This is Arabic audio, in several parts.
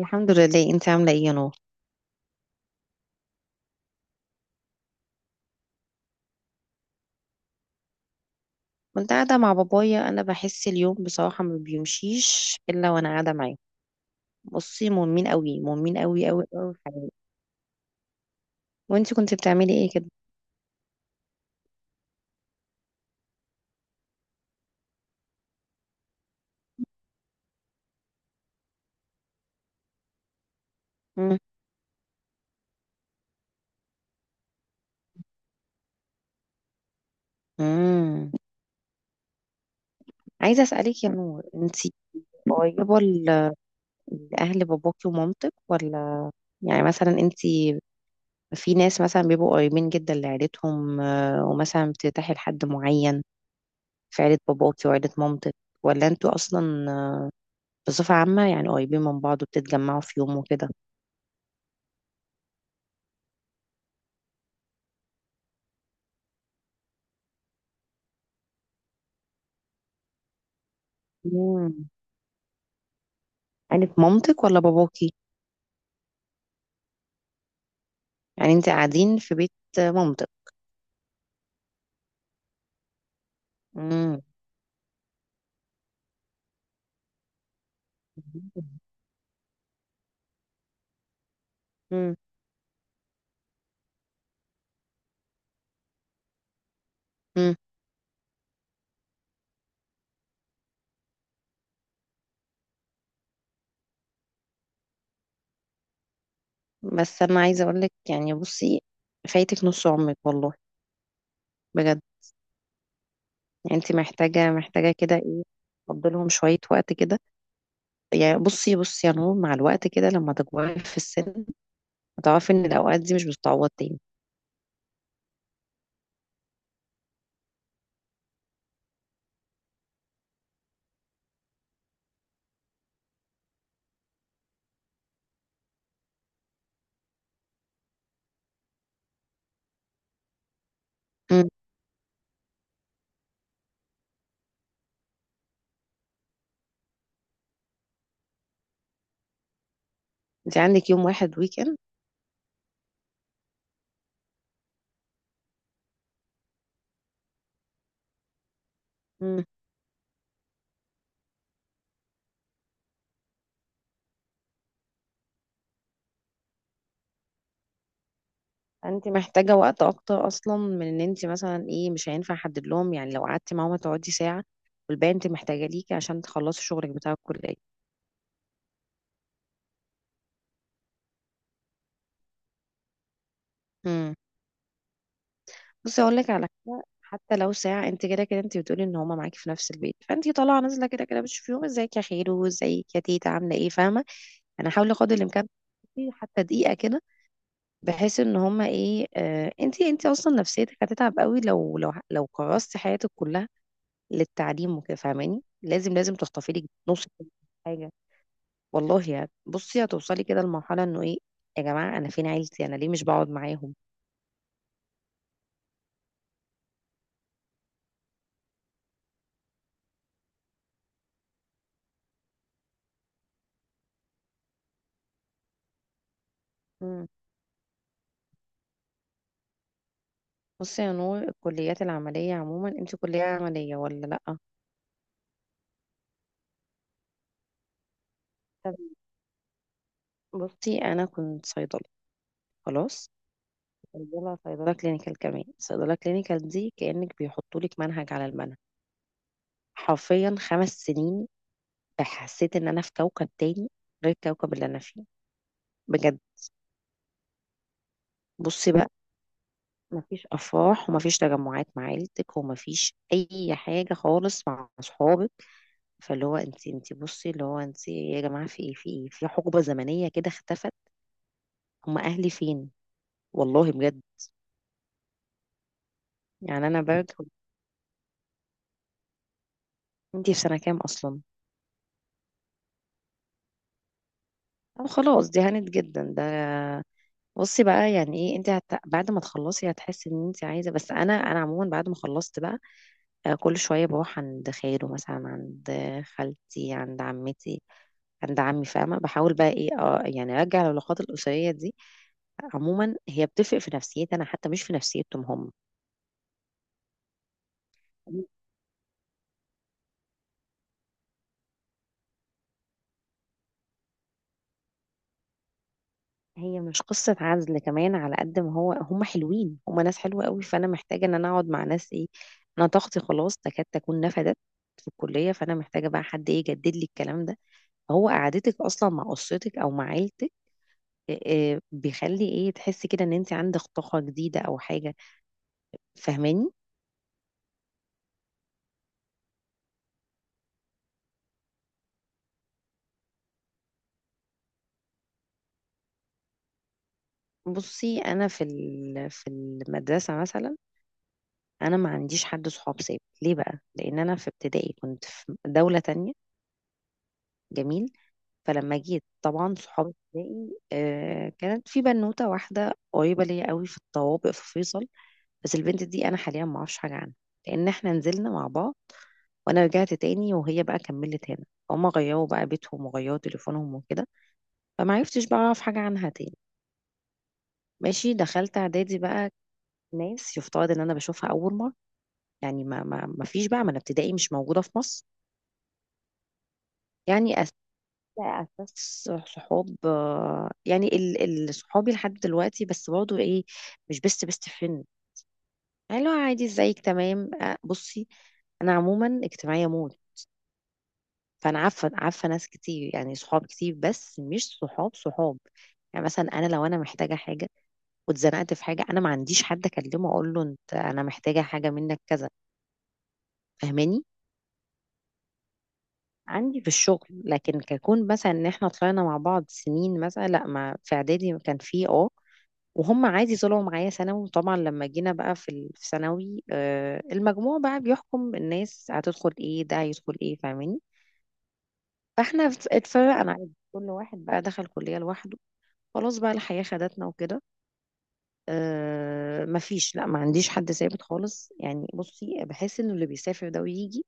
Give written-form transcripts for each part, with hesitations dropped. الحمد لله، انت عامله ايه يا نور؟ كنت قاعده مع بابايا. انا بحس اليوم بصراحه ما بيمشيش الا وانا قاعده معاه. بصي، مهمين قوي، مهمين قوي قوي قوي في حياتي. وانت كنت بتعملي ايه كده؟ مم. مم. عايزه اسالك يا نور، انت قريبه لاهل باباكي ومامتك، ولا... يعني مثلا انت، في ناس مثلا بيبقوا قريبين جدا لعيلتهم، ومثلا بترتاحي لحد معين، في عيله باباكي وعيله مامتك، ولا انتوا اصلا، بصفه عامه يعني قريبين من بعض وبتتجمعوا في يوم وكده؟ مم. قالت مامتك ولا باباكي؟ يعني انت قاعدين في بيت مامتك؟ مم. مم. مم. بس انا عايزه اقول لك، يعني بصي، فايتك نص عمرك والله، بجد. يعني انت محتاجه كده ايه، تفضلهم شويه وقت كده. يعني بصي بصي يا نور، مع الوقت كده لما تكبري في السن هتعرفي ان الاوقات دي مش بتتعوض تاني. مم. انت عندك يوم واحد ويك اند. انت محتاجة وقت اكتر، اصلا من ان انت مثلا ايه، مش هينفع احدد لهم. يعني لو قعدتي معاهم هتقعدي ساعة، والباقي انت محتاجة ليكي عشان تخلصي شغلك بتاع الكلية. امم. بصي اقول لك على حاجة، حتى لو ساعة انت كده كده انت بتقولي ان هما معاكي في نفس البيت، فانت طالعة نازلة كده كده بتشوفيهم، ازيك يا خيرو، ازيك يا تيتا عاملة ايه، فاهمة. انا هحاول قدر الامكان تقعدي حتى دقيقة كده، بحيث ان هما ايه، انت اصلا نفسيتك هتتعب قوي لو كرستي حياتك كلها للتعليم وكده، فاهماني. لازم لازم تحتفلي نص حاجه، والله. يعني بصي، هتوصلي كده لمرحله انه ايه، يا جماعه انا فين عيلتي، انا ليه مش بقعد معاهم. مم. بصي يا نور، الكليات العمليه عموما، انت كليه عمليه ولا لا؟ طب بصي، انا كنت صيدله، خلاص. صيدلة كلينيكال، كمان صيدله كلينيكال دي كانك بيحطوا لك منهج على المنهج، حرفيا 5 سنين. حسيت ان انا في كوكب تاني غير الكوكب اللي انا فيه، بجد. بصي بقى، مفيش افراح ومفيش تجمعات مع عيلتك ومفيش اي حاجه خالص مع اصحابك. فاللي هو انت بصي، اللي هو انت يا جماعه في ايه، في ايه، في حقبه زمنيه كده اختفت، هم اهلي فين؟ والله بجد. يعني انا برجع، انت في سنه كام اصلا؟ أو خلاص، دي هانت جدا ده. بصي بقى، يعني ايه انت بعد ما تخلصي هتحسي ان انت عايزه. بس انا، عموما بعد ما خلصت بقى، كل شويه بروح عند خاله مثلا، عند خالتي، عند عمتي، عند عمي، فاهمة، بحاول بقى ايه يعني ارجع العلاقات الأسرية دي. عموما هي بتفرق في نفسيتي انا، حتى مش في نفسيتهم هم. هي مش قصة عزل كمان، على قد ما هو هم حلوين، هم ناس حلوة قوي، فانا محتاجة ان انا اقعد مع ناس ايه. انا طاقتي خلاص تكاد تكون نفدت في الكلية، فانا محتاجة بقى حد ايه يجدد لي الكلام ده. هو قعدتك اصلا مع اسرتك او مع عيلتك آه، بيخلي ايه تحسي كده ان انت عندك طاقة جديدة او حاجة، فاهماني. بصي انا في في المدرسة مثلا، انا ما عنديش حد صحاب ثابت. ليه بقى؟ لان انا في ابتدائي كنت في دولة تانية، جميل. فلما جيت طبعا صحاب ابتدائي، كانت في بنوتة واحدة قريبة ليا قوي في الطوابق في فيصل. بس البنت دي انا حاليا ما اعرفش حاجة عنها، لان احنا نزلنا مع بعض وانا رجعت تاني وهي بقى كملت هنا. هما غيروا بقى بيتهم وغيروا تليفونهم وكده، فما عرفتش بقى اعرف حاجة عنها تاني. ماشي، دخلت اعدادي بقى، ناس يفترض ان انا بشوفها اول مرة. يعني ما فيش بقى، ما انا ابتدائي مش موجودة في مصر. يعني لا اساس. صحاب، يعني صحابي لحد دلوقتي، بس برضه ايه، مش بيست فريند. يعني لو عادي، ازيك، تمام، بصي، انا عموما اجتماعيه موت، فانا عارفه ناس كتير، يعني صحاب كتير، بس مش صحاب صحاب. يعني مثلا انا لو انا محتاجه حاجه واتزنقت في حاجه، انا ما عنديش حد اكلمه اقول له انت انا محتاجه حاجه منك كذا، فاهماني. عندي في الشغل، لكن ككون مثلا ان احنا طلعنا مع بعض سنين مثلا، لا. ما في اعدادي كان في وهم عادي طلعوا معايا ثانوي. وطبعا لما جينا بقى في في ثانوي، المجموع بقى بيحكم الناس هتدخل ايه، ده هيدخل ايه، فاهماني. فاحنا اتفرقنا عادي، كل واحد بقى دخل كلية لوحده. خلاص بقى الحياة خدتنا وكده. مفيش، لا، ما عنديش حد ثابت خالص. يعني بصي، بحس انه اللي بيسافر ده ويجي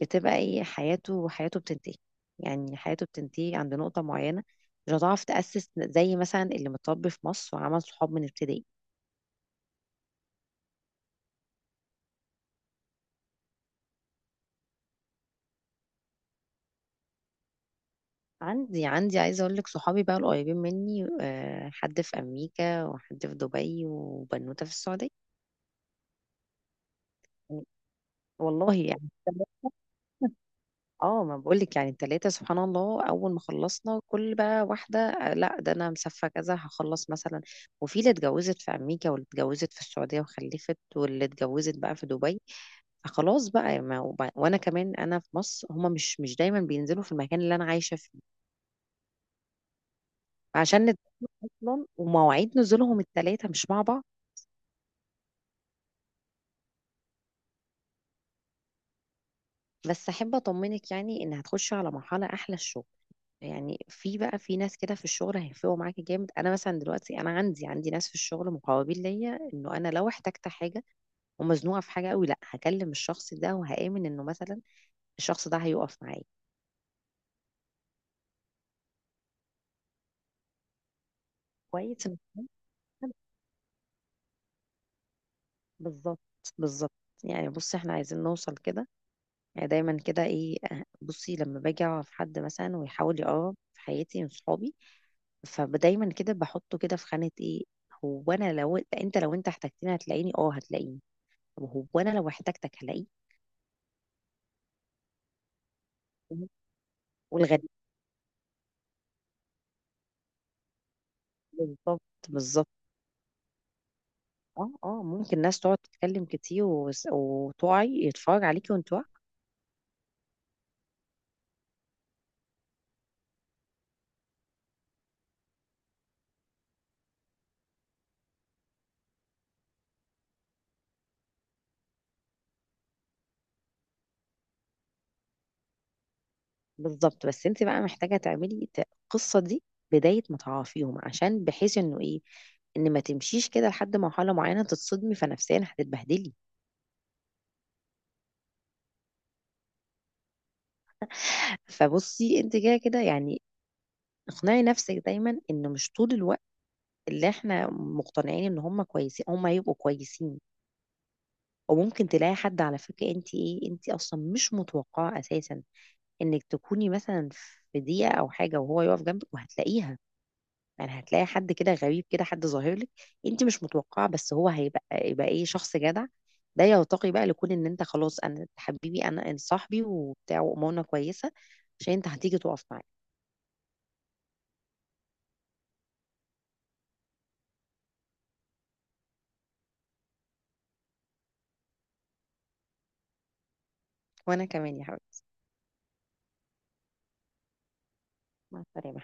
بتبقى ايه حياته، حياته بتنتهي. يعني حياته بتنتهي عند نقطة معينة، مش هتعرف تأسس زي مثلا اللي متربي في مصر وعمل صحاب من ابتدائي. عندي عايزة اقول لك، صحابي بقى القريبين مني، حد في امريكا وحد في دبي وبنوتة في السعودية. والله يعني ما بقول لك، يعني التلاتة سبحان الله اول ما خلصنا، كل بقى واحدة، لا ده انا مسافة كذا هخلص مثلا. وفي اللي اتجوزت في امريكا، واللي اتجوزت في السعودية وخلفت، واللي اتجوزت بقى في دبي. فخلاص بقى، يعني ما وب- وانا كمان انا في مصر، هما مش دايما بينزلوا في المكان اللي انا عايشة فيه، عشان اصلا ومواعيد نزولهم التلاتة مش مع بعض. بس احب اطمنك يعني ان هتخشي على مرحله احلى، الشغل. يعني في بقى في ناس كده في الشغل هيفرقوا معاكي جامد، انا مثلا دلوقتي انا عندي ناس في الشغل مقربين ليا، انه انا لو احتجت حاجه ومزنوقه في حاجه قوي، لا هكلم الشخص ده وهامن انه مثلا الشخص ده هيقف معايا. كويس إن إحنا- بالظبط، بالظبط. يعني بصي احنا عايزين نوصل كده. يعني دايما كده ايه أه، بصي، لما باجي اعرف حد مثلا ويحاول يقرب في حياتي من صحابي، فدايما كده بحطه كده في خانة ايه، هو انا لو انت احتجتني هتلاقيني، هتلاقيني. طب هو انا لو احتجتك هلاقيك؟ والغريب، بالظبط، بالظبط. اه ممكن ناس تقعد تتكلم كتير، وتقعي يتفرج عليكي وانت واقعة. بالظبط. بس انت بقى محتاجة تعملي القصة دي بداية ما تعرفيهم، عشان بحيث انه ايه، ان ما تمشيش كده لحد مرحلة معينة تتصدمي، فنفسيا هتتبهدلي. فبصي انت كده كده يعني، اقنعي نفسك دايما ان مش طول الوقت اللي احنا مقتنعين ان هم كويسين هم هيبقوا كويسين. وممكن تلاقي حد على فكرة، انت انت اصلا مش متوقعة اساسا انك تكوني مثلا في دقيقة او حاجة وهو يقف جنبك وهتلاقيها. يعني هتلاقي حد كده غريب كده، حد ظاهر لك انت مش متوقعة، بس هو هيبقى ايه شخص جدع. ده يرتقي بقى لكون ان انت خلاص، انا حبيبي انا، انت صاحبي وبتاع وامورنا كويسة عشان انت هتيجي تقف معايا. وانا كمان يا حبيبتي. مع السلامة.